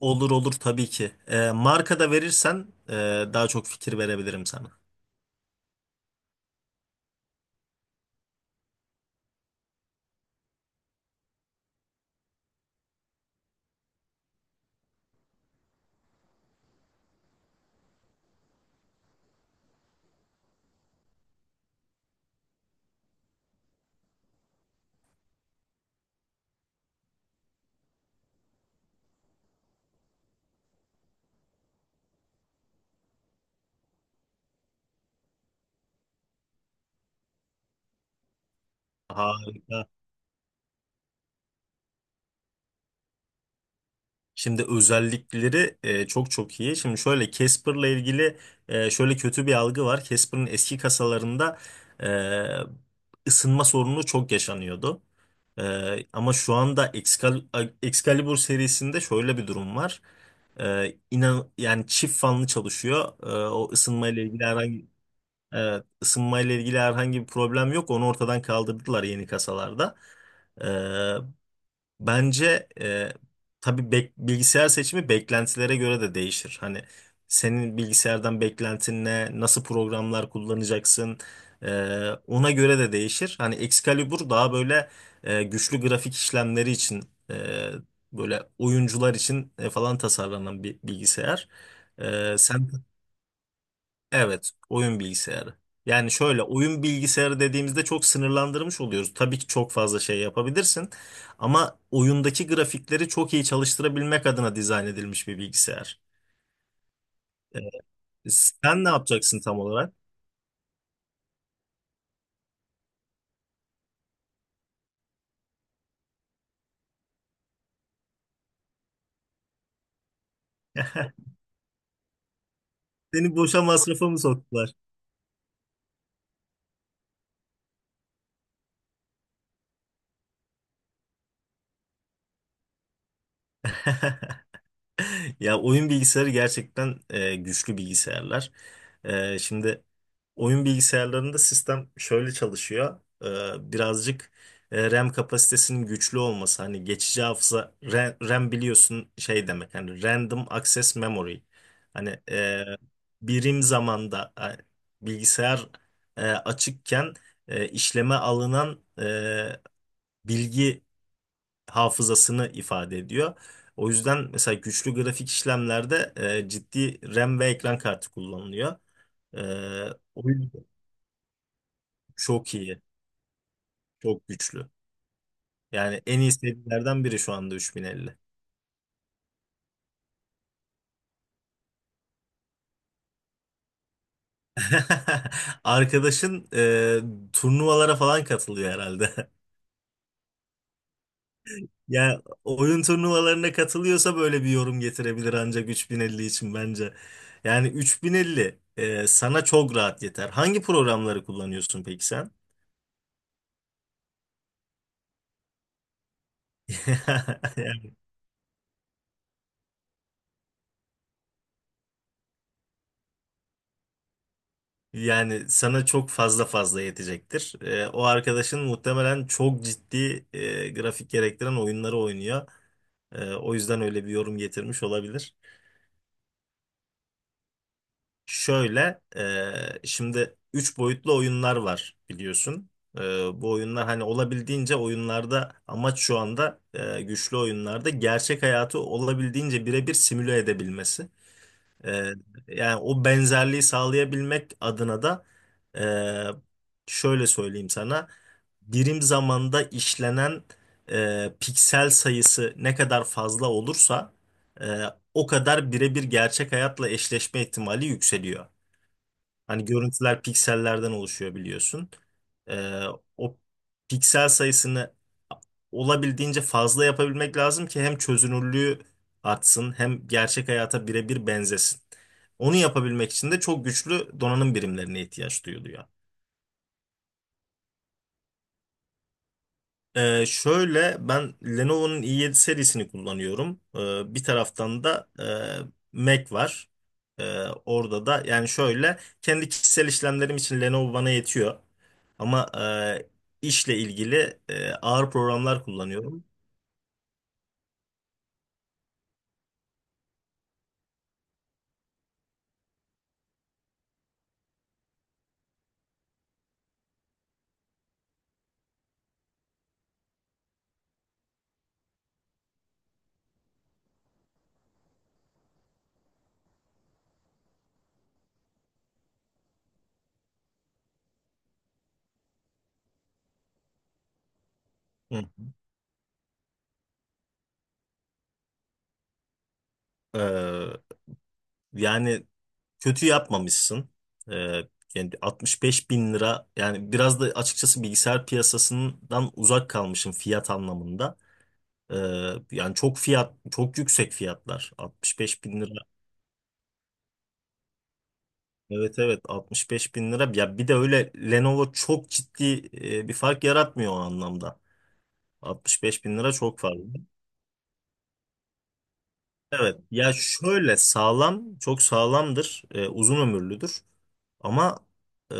Olur olur, tabii ki. Marka da verirsen daha çok fikir verebilirim sana. Harika. Şimdi özellikleri çok iyi. Şimdi şöyle Casper'la ilgili şöyle kötü bir algı var. Casper'ın eski kasalarında e, ısınma sorunu çok yaşanıyordu. Ama şu anda Excalibur serisinde şöyle bir durum var. İnan yani çift fanlı çalışıyor. O ısınma ile ilgili herhangi, evet, ısınmayla ilgili herhangi bir problem yok. Onu ortadan kaldırdılar yeni kasalarda. Ee, Bence, tabii bilgisayar seçimi beklentilere göre de değişir. Hani senin bilgisayardan beklentin ne, nasıl programlar kullanacaksın, ona göre de değişir. Hani Excalibur daha böyle güçlü grafik işlemleri için, e, böyle oyuncular için falan tasarlanan bir bilgisayar. Sen. Evet, oyun bilgisayarı. Yani şöyle, oyun bilgisayarı dediğimizde çok sınırlandırmış oluyoruz. Tabii ki çok fazla şey yapabilirsin ama oyundaki grafikleri çok iyi çalıştırabilmek adına dizayn edilmiş bir bilgisayar. Evet. Sen ne yapacaksın tam olarak? Seni boşa masrafa mı soktular? Ya, oyun bilgisayarı gerçekten güçlü bilgisayarlar. Şimdi oyun bilgisayarlarında sistem şöyle çalışıyor. Birazcık RAM kapasitesinin güçlü olması. Hani geçici hafıza RAM, RAM biliyorsun şey demek. Hani Random Access Memory. Hani birim zamanda bilgisayar açıkken işleme alınan bilgi hafızasını ifade ediyor. O yüzden mesela güçlü grafik işlemlerde ciddi RAM ve ekran kartı kullanılıyor. E, O yüzden çok iyi, çok güçlü. Yani en iyi serilerden biri şu anda 3050. Arkadaşın turnuvalara falan katılıyor herhalde. Ya, oyun turnuvalarına katılıyorsa böyle bir yorum getirebilir ancak 3050 için bence. Yani 3050 sana çok rahat yeter. Hangi programları kullanıyorsun peki sen? Yani sana çok fazla yetecektir. O arkadaşın muhtemelen çok ciddi grafik gerektiren oyunları oynuyor. O yüzden öyle bir yorum getirmiş olabilir. Şöyle, şimdi 3 boyutlu oyunlar var biliyorsun. Ee, Bu oyunlar, hani olabildiğince oyunlarda amaç şu anda güçlü oyunlarda gerçek hayatı olabildiğince birebir simüle edebilmesi. Ee, Yani o benzerliği sağlayabilmek adına da şöyle söyleyeyim sana. Birim zamanda işlenen piksel sayısı ne kadar fazla olursa e, o kadar birebir gerçek hayatla eşleşme ihtimali yükseliyor. Hani görüntüler piksellerden oluşuyor biliyorsun. E, O piksel sayısını olabildiğince fazla yapabilmek lazım ki hem çözünürlüğü artsın hem gerçek hayata birebir benzesin. Onu yapabilmek için de çok güçlü donanım birimlerine ihtiyaç duyuluyor. Şöyle, ben Lenovo'nun i7 serisini kullanıyorum. Bir taraftan da Mac var. Orada da, yani şöyle, kendi kişisel işlemlerim için Lenovo bana yetiyor. Ama işle ilgili ağır programlar kullanıyorum. Hı. Ee, Yani kötü yapmamışsın. Ee, Yani 65 bin lira, yani biraz da açıkçası bilgisayar piyasasından uzak kalmışım fiyat anlamında. Ee, Yani çok fiyat, çok yüksek fiyatlar, 65 bin lira. Evet, evet, 65 bin lira. Ya, bir de öyle Lenovo çok ciddi bir fark yaratmıyor o anlamda. 65 bin lira çok fazla. Evet. Ya şöyle, sağlam, çok sağlamdır, uzun ömürlüdür. Ama e,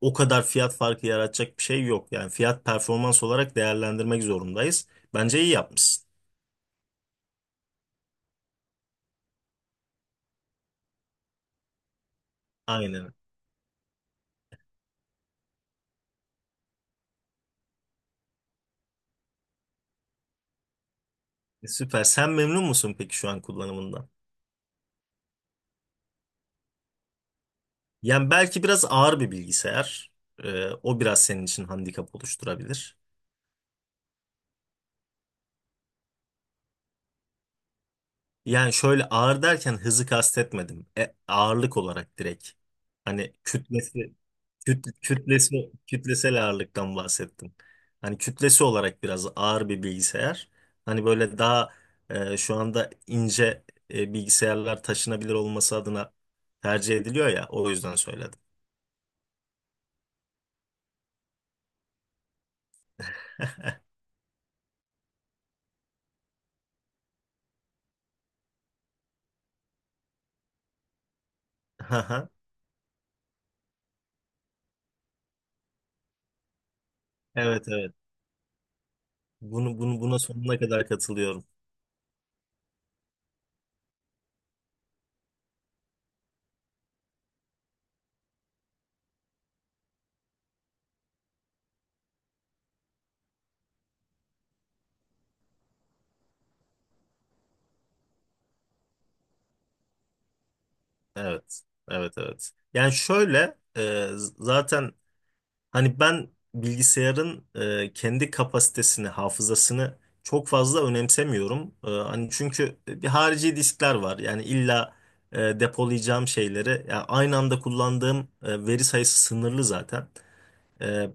o kadar fiyat farkı yaratacak bir şey yok. Yani fiyat performans olarak değerlendirmek zorundayız. Bence iyi yapmışsın. Aynen. Süper. Sen memnun musun peki şu an kullanımından? Yani belki biraz ağır bir bilgisayar. O biraz senin için handikap oluşturabilir. Yani şöyle, ağır derken hızı kastetmedim. Ağırlık olarak, direkt. Hani kütlesi. Kütlesi, kütlesel ağırlıktan bahsettim. Hani kütlesi olarak biraz ağır bir bilgisayar. Hani böyle daha şu anda ince bilgisayarlar taşınabilir olması adına tercih ediliyor ya. O yüzden söyledim. Haha, evet evet. Bunu buna sonuna kadar katılıyorum. Evet. Evet evet. Yani şöyle, zaten, hani ben bilgisayarın kendi kapasitesini, hafızasını çok fazla önemsemiyorum. Hani, çünkü bir harici diskler var. Yani illa depolayacağım şeyleri, yani aynı anda kullandığım veri sayısı sınırlı zaten. E,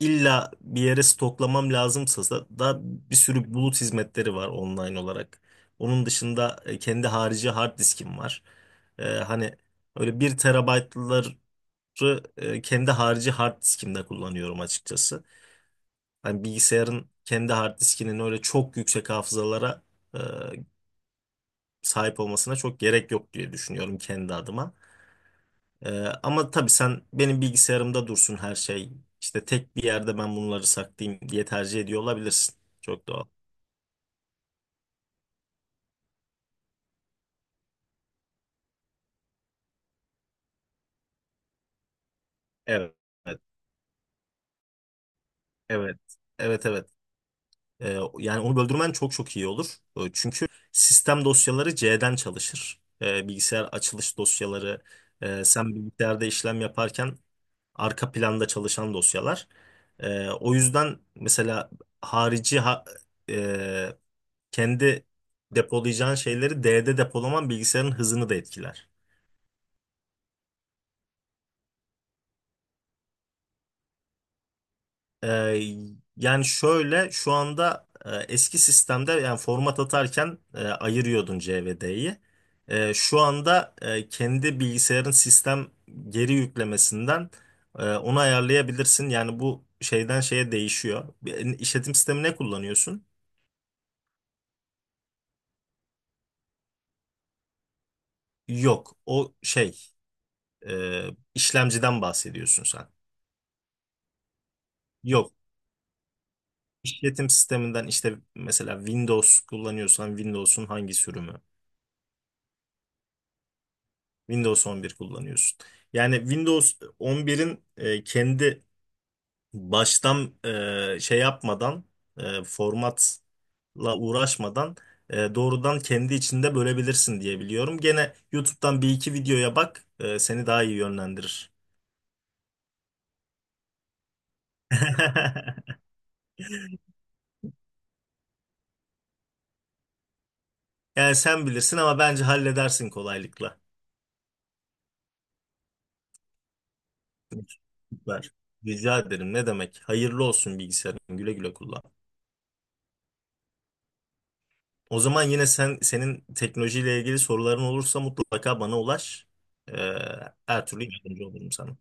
illa bir yere stoklamam lazımsa da, bir sürü bulut hizmetleri var online olarak. Onun dışında kendi harici hard diskim var. Hani öyle bir terabaytlar kendi harici hard diskimde kullanıyorum açıkçası. Hani bilgisayarın kendi hard diskinin öyle çok yüksek hafızalara e, sahip olmasına çok gerek yok diye düşünüyorum kendi adıma. E, Ama tabii, sen benim bilgisayarımda dursun her şey, İşte tek bir yerde ben bunları saklayayım diye tercih ediyor olabilirsin. Çok doğal. Evet. Evet. Evet, evet, evet. Yani onu böldürmen çok iyi olur. Çünkü sistem dosyaları C'den çalışır. Bilgisayar açılış dosyaları, sen bilgisayarda işlem yaparken arka planda çalışan dosyalar. O yüzden mesela harici ha- e, kendi depolayacağın şeyleri D'de depolaman bilgisayarın hızını da etkiler. Ee, Yani şöyle, şu anda eski sistemde, yani format atarken, ayırıyordun C ve D'yi. Şu anda kendi bilgisayarın sistem geri yüklemesinden onu ayarlayabilirsin. Yani bu şeyden şeye değişiyor. İşletim sistemi ne kullanıyorsun? Yok, o şey e, işlemciden bahsediyorsun sen. Yok, işletim sisteminden işte, mesela Windows kullanıyorsan Windows'un hangi sürümü? Windows 11 kullanıyorsun. Yani Windows 11'in kendi baştan şey yapmadan formatla uğraşmadan doğrudan kendi içinde bölebilirsin diye biliyorum. Gene YouTube'dan bir iki videoya bak, seni daha iyi yönlendirir. Yani sen bilirsin ama bence halledersin kolaylıkla. Süper. Rica ederim. Ne demek? Hayırlı olsun bilgisayarın. Güle güle kullan. O zaman yine senin teknolojiyle ilgili soruların olursa mutlaka bana ulaş. Ee, Her türlü yardımcı olurum sana.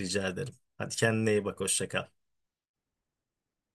Rica ederim. Hadi kendine iyi bak. Hoşça kal.